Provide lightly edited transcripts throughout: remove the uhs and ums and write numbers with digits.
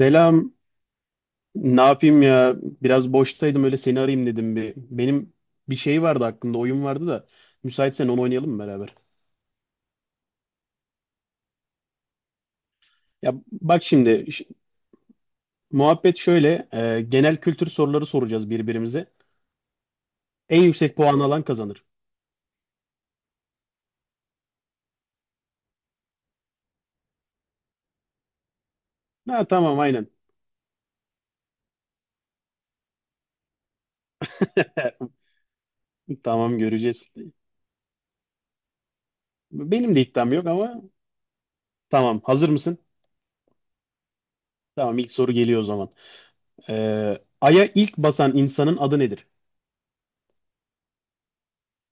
Selam. Ne yapayım ya? Biraz boştaydım öyle seni arayayım dedim bir. Benim bir şey vardı hakkında oyun vardı da müsaitsen onu oynayalım mı beraber? Ya bak şimdi muhabbet şöyle genel kültür soruları soracağız birbirimize. En yüksek puan alan kazanır. Ha tamam aynen. Tamam göreceğiz. Benim de iddiam yok ama tamam hazır mısın? Tamam ilk soru geliyor o zaman. Ay'a ilk basan insanın adı nedir?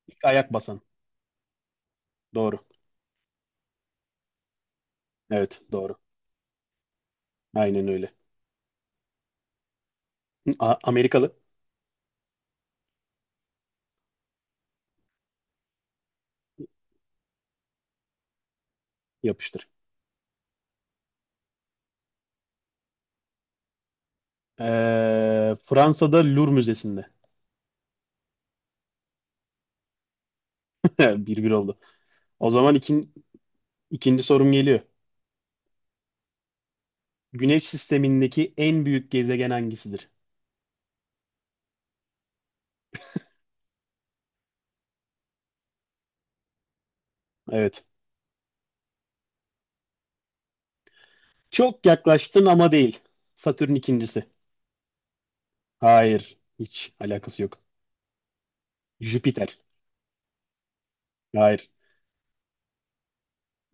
İlk ayak basan. Doğru. Evet doğru. Aynen öyle. Amerikalı. Yapıştır. Fransa'da Louvre Müzesi'nde. 1-1 oldu. O zaman ikinci sorum geliyor. Güneş sistemindeki en büyük gezegen hangisidir? Evet. Çok yaklaştın ama değil. Satürn ikincisi. Hayır. Hiç alakası yok. Jüpiter. Hayır.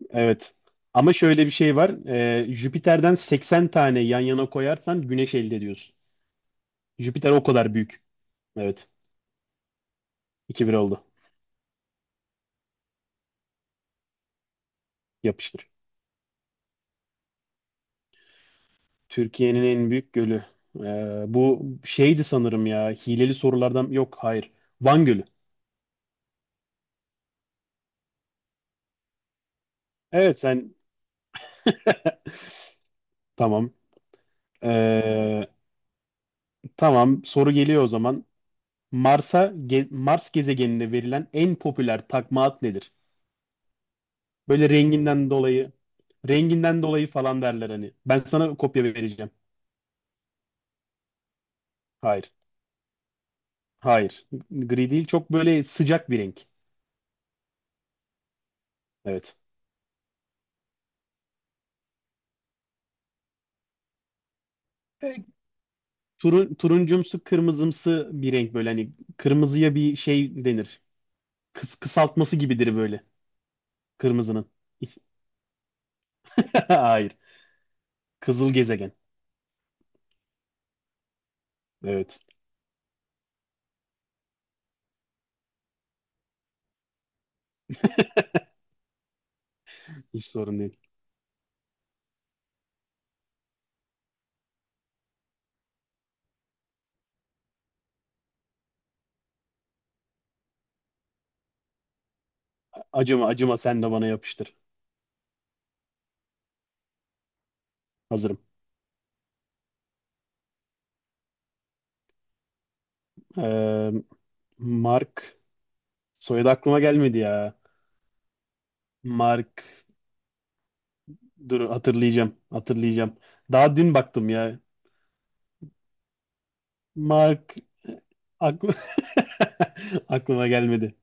Evet. Ama şöyle bir şey var. Jüpiter'den 80 tane yan yana koyarsan Güneş elde ediyorsun. Jüpiter o kadar büyük. Evet. 2 bir oldu. Yapıştır. Türkiye'nin en büyük gölü. Bu şeydi sanırım ya. Hileli sorulardan yok, hayır. Van Gölü. Evet sen tamam. Ee, tamam, soru geliyor o zaman. Mars gezegeninde verilen en popüler takma ad nedir? Böyle renginden dolayı falan derler hani. Ben sana kopya vereceğim. Hayır. Hayır. Gri değil, çok böyle sıcak bir renk. Evet. E, Turuncumsu kırmızımsı bir renk, böyle hani kırmızıya bir şey denir. Kısaltması gibidir böyle. Kırmızının. Hayır. Kızıl gezegen. Evet. Hiç sorun değil. Acıma, acıma, sen de bana yapıştır. Hazırım. Ee, Mark. Soyadı aklıma gelmedi ya. Mark. Dur, hatırlayacağım. Hatırlayacağım. Daha dün baktım ya. Mark. Aklı... Aklıma gelmedi.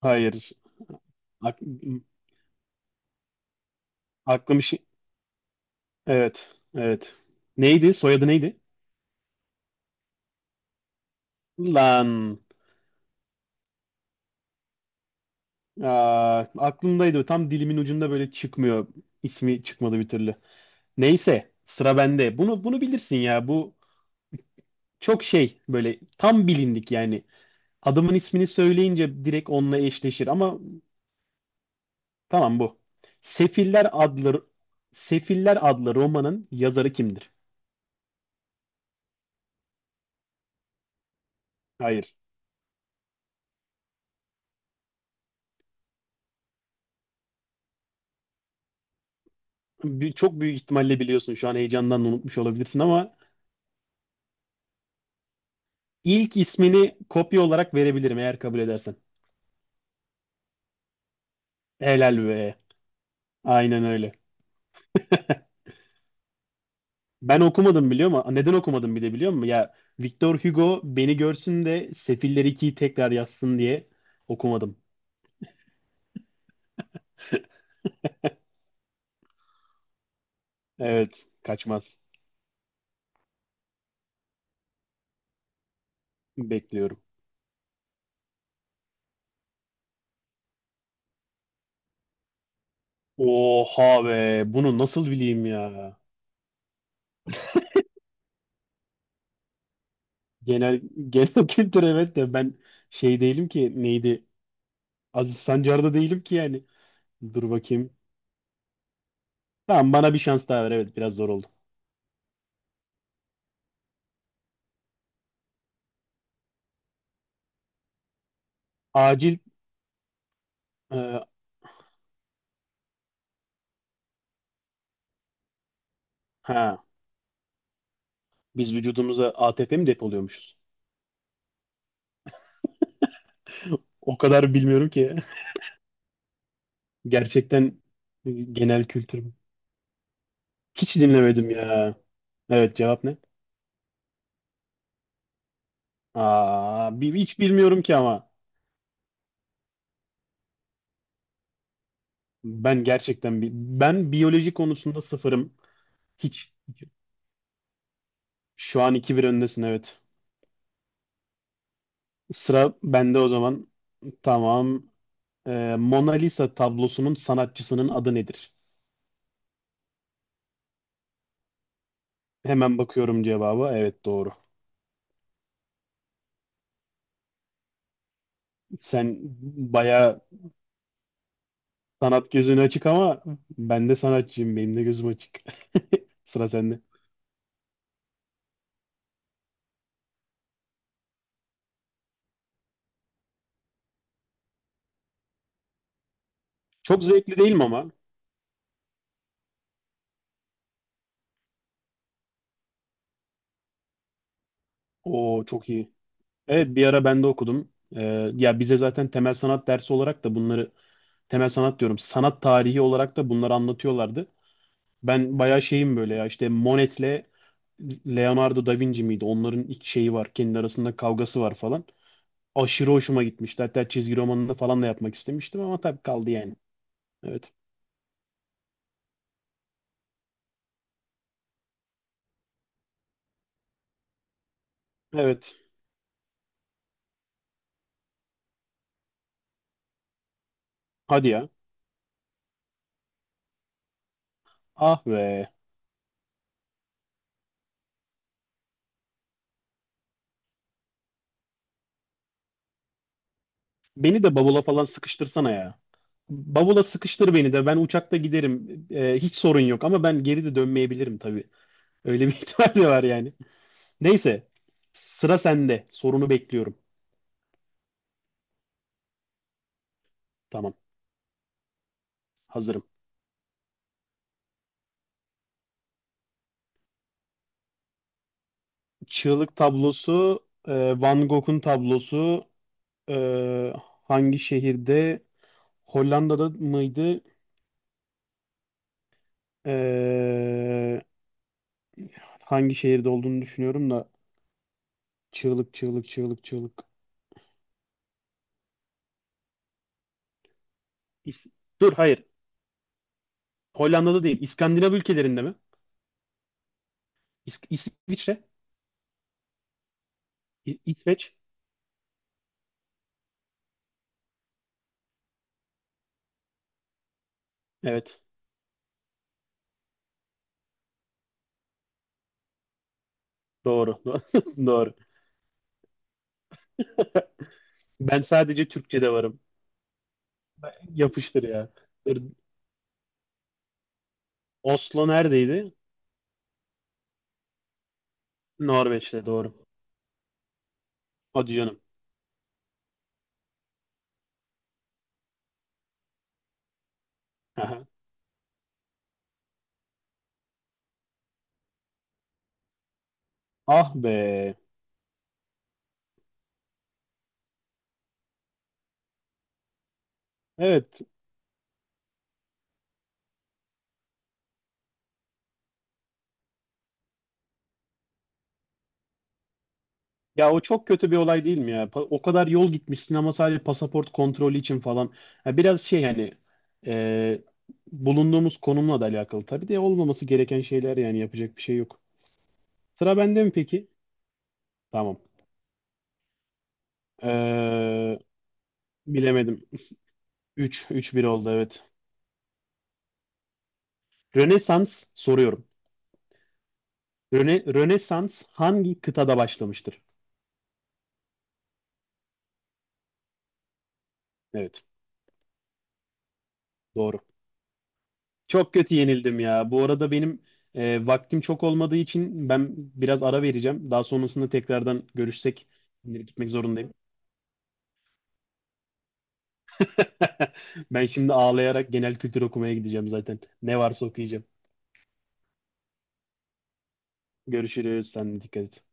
Hayır. Ak Aklım işi. Evet. Evet. Neydi? Soyadı neydi? Lan. Aklımdaydı. Tam dilimin ucunda, böyle çıkmıyor. İsmi çıkmadı bir türlü. Neyse, sıra bende. Bunu bilirsin ya. Bu çok şey, böyle tam bilindik yani. Adamın ismini söyleyince direkt onunla eşleşir, ama tamam, bu. Sefiller adlı Sefiller adlı romanın yazarı kimdir? Hayır. Çok büyük ihtimalle biliyorsun. Şu an heyecandan unutmuş olabilirsin, ama ilk ismini kopya olarak verebilirim, eğer kabul edersen. Helal be. Aynen öyle. Ben okumadım, biliyor musun? Neden okumadım bir de biliyor musun? Ya, Victor Hugo beni görsün de Sefiller ikiyi tekrar yazsın diye okumadım. Evet, kaçmaz. Bekliyorum. Oha be, bunu nasıl bileyim ya? Genel genel kültür, evet, de ben şey değilim ki, neydi? Aziz Sancar'da değilim ki yani. Dur bakayım. Tamam, bana bir şans daha ver. Evet, biraz zor oldu. Acil e, ha, biz vücudumuza ATP mi depoluyormuşuz? O kadar bilmiyorum ki. Gerçekten genel kültür. Hiç dinlemedim ya. Evet, cevap ne? Hiç bilmiyorum ki, ama ben gerçekten ben biyoloji konusunda sıfırım. Hiç, şu an iki 1 öndesin evet. Sıra bende o zaman. Tamam. Mona Lisa tablosunun sanatçısının adı nedir? Hemen bakıyorum cevaba. Evet, doğru. Sen bayağı sanat gözün açık, ama ben de sanatçıyım. Benim de gözüm açık. Sıra sende. Çok zevkli değil mi ama? O çok iyi. Evet, bir ara ben de okudum. Ya, bize zaten temel sanat dersi olarak da bunları, temel sanat diyorum, sanat tarihi olarak da bunları anlatıyorlardı. Ben bayağı şeyim böyle ya, işte Monet'le Leonardo da Vinci miydi? Onların ilk şeyi var. Kendi arasında kavgası var falan. Aşırı hoşuma gitmişti. Hatta çizgi romanını falan da yapmak istemiştim, ama tabii kaldı yani. Evet. Evet. Hadi ya. Ah be. Beni de bavula falan sıkıştırsana ya. Bavula sıkıştır beni de, ben uçakta giderim. Hiç sorun yok, ama ben geri de dönmeyebilirim tabii. Öyle bir ihtimal de var yani. Neyse, sıra sende. Sorunu bekliyorum. Tamam, hazırım. Çığlık tablosu, Van Gogh'un tablosu e, hangi şehirde? Hollanda'da mıydı? E, Hangi şehirde olduğunu düşünüyorum da, çığlık, çığlık, çığlık, çığlık. İs- Dur, hayır. Hollanda'da değil. İskandinav ülkelerinde mi? İsviçre? İsveç? Evet. Doğru. Doğru. Ben sadece Türkçe'de varım. Yapıştır ya. Dur, Oslo neredeydi? Norveç'te, doğru. Hadi canım. Aha. Ah be. Evet. Ya, o çok kötü bir olay değil mi ya? O kadar yol gitmişsin, ama sadece pasaport kontrolü için falan. Ha, biraz şey hani, e, bulunduğumuz konumla da alakalı. Tabii de olmaması gereken şeyler, yani yapacak bir şey yok. Sıra bende mi peki? Tamam. Ee, Bilemedim. 3 3-1 oldu evet. Rönesans soruyorum. Rönesans hangi kıtada başlamıştır? Evet, doğru. Çok kötü yenildim ya. Bu arada benim vaktim çok olmadığı için ben biraz ara vereceğim. Daha sonrasında tekrardan görüşsek. Şimdi gitmek zorundayım. Ben şimdi ağlayarak genel kültür okumaya gideceğim zaten. Ne varsa okuyacağım. Görüşürüz. Sen de dikkat et.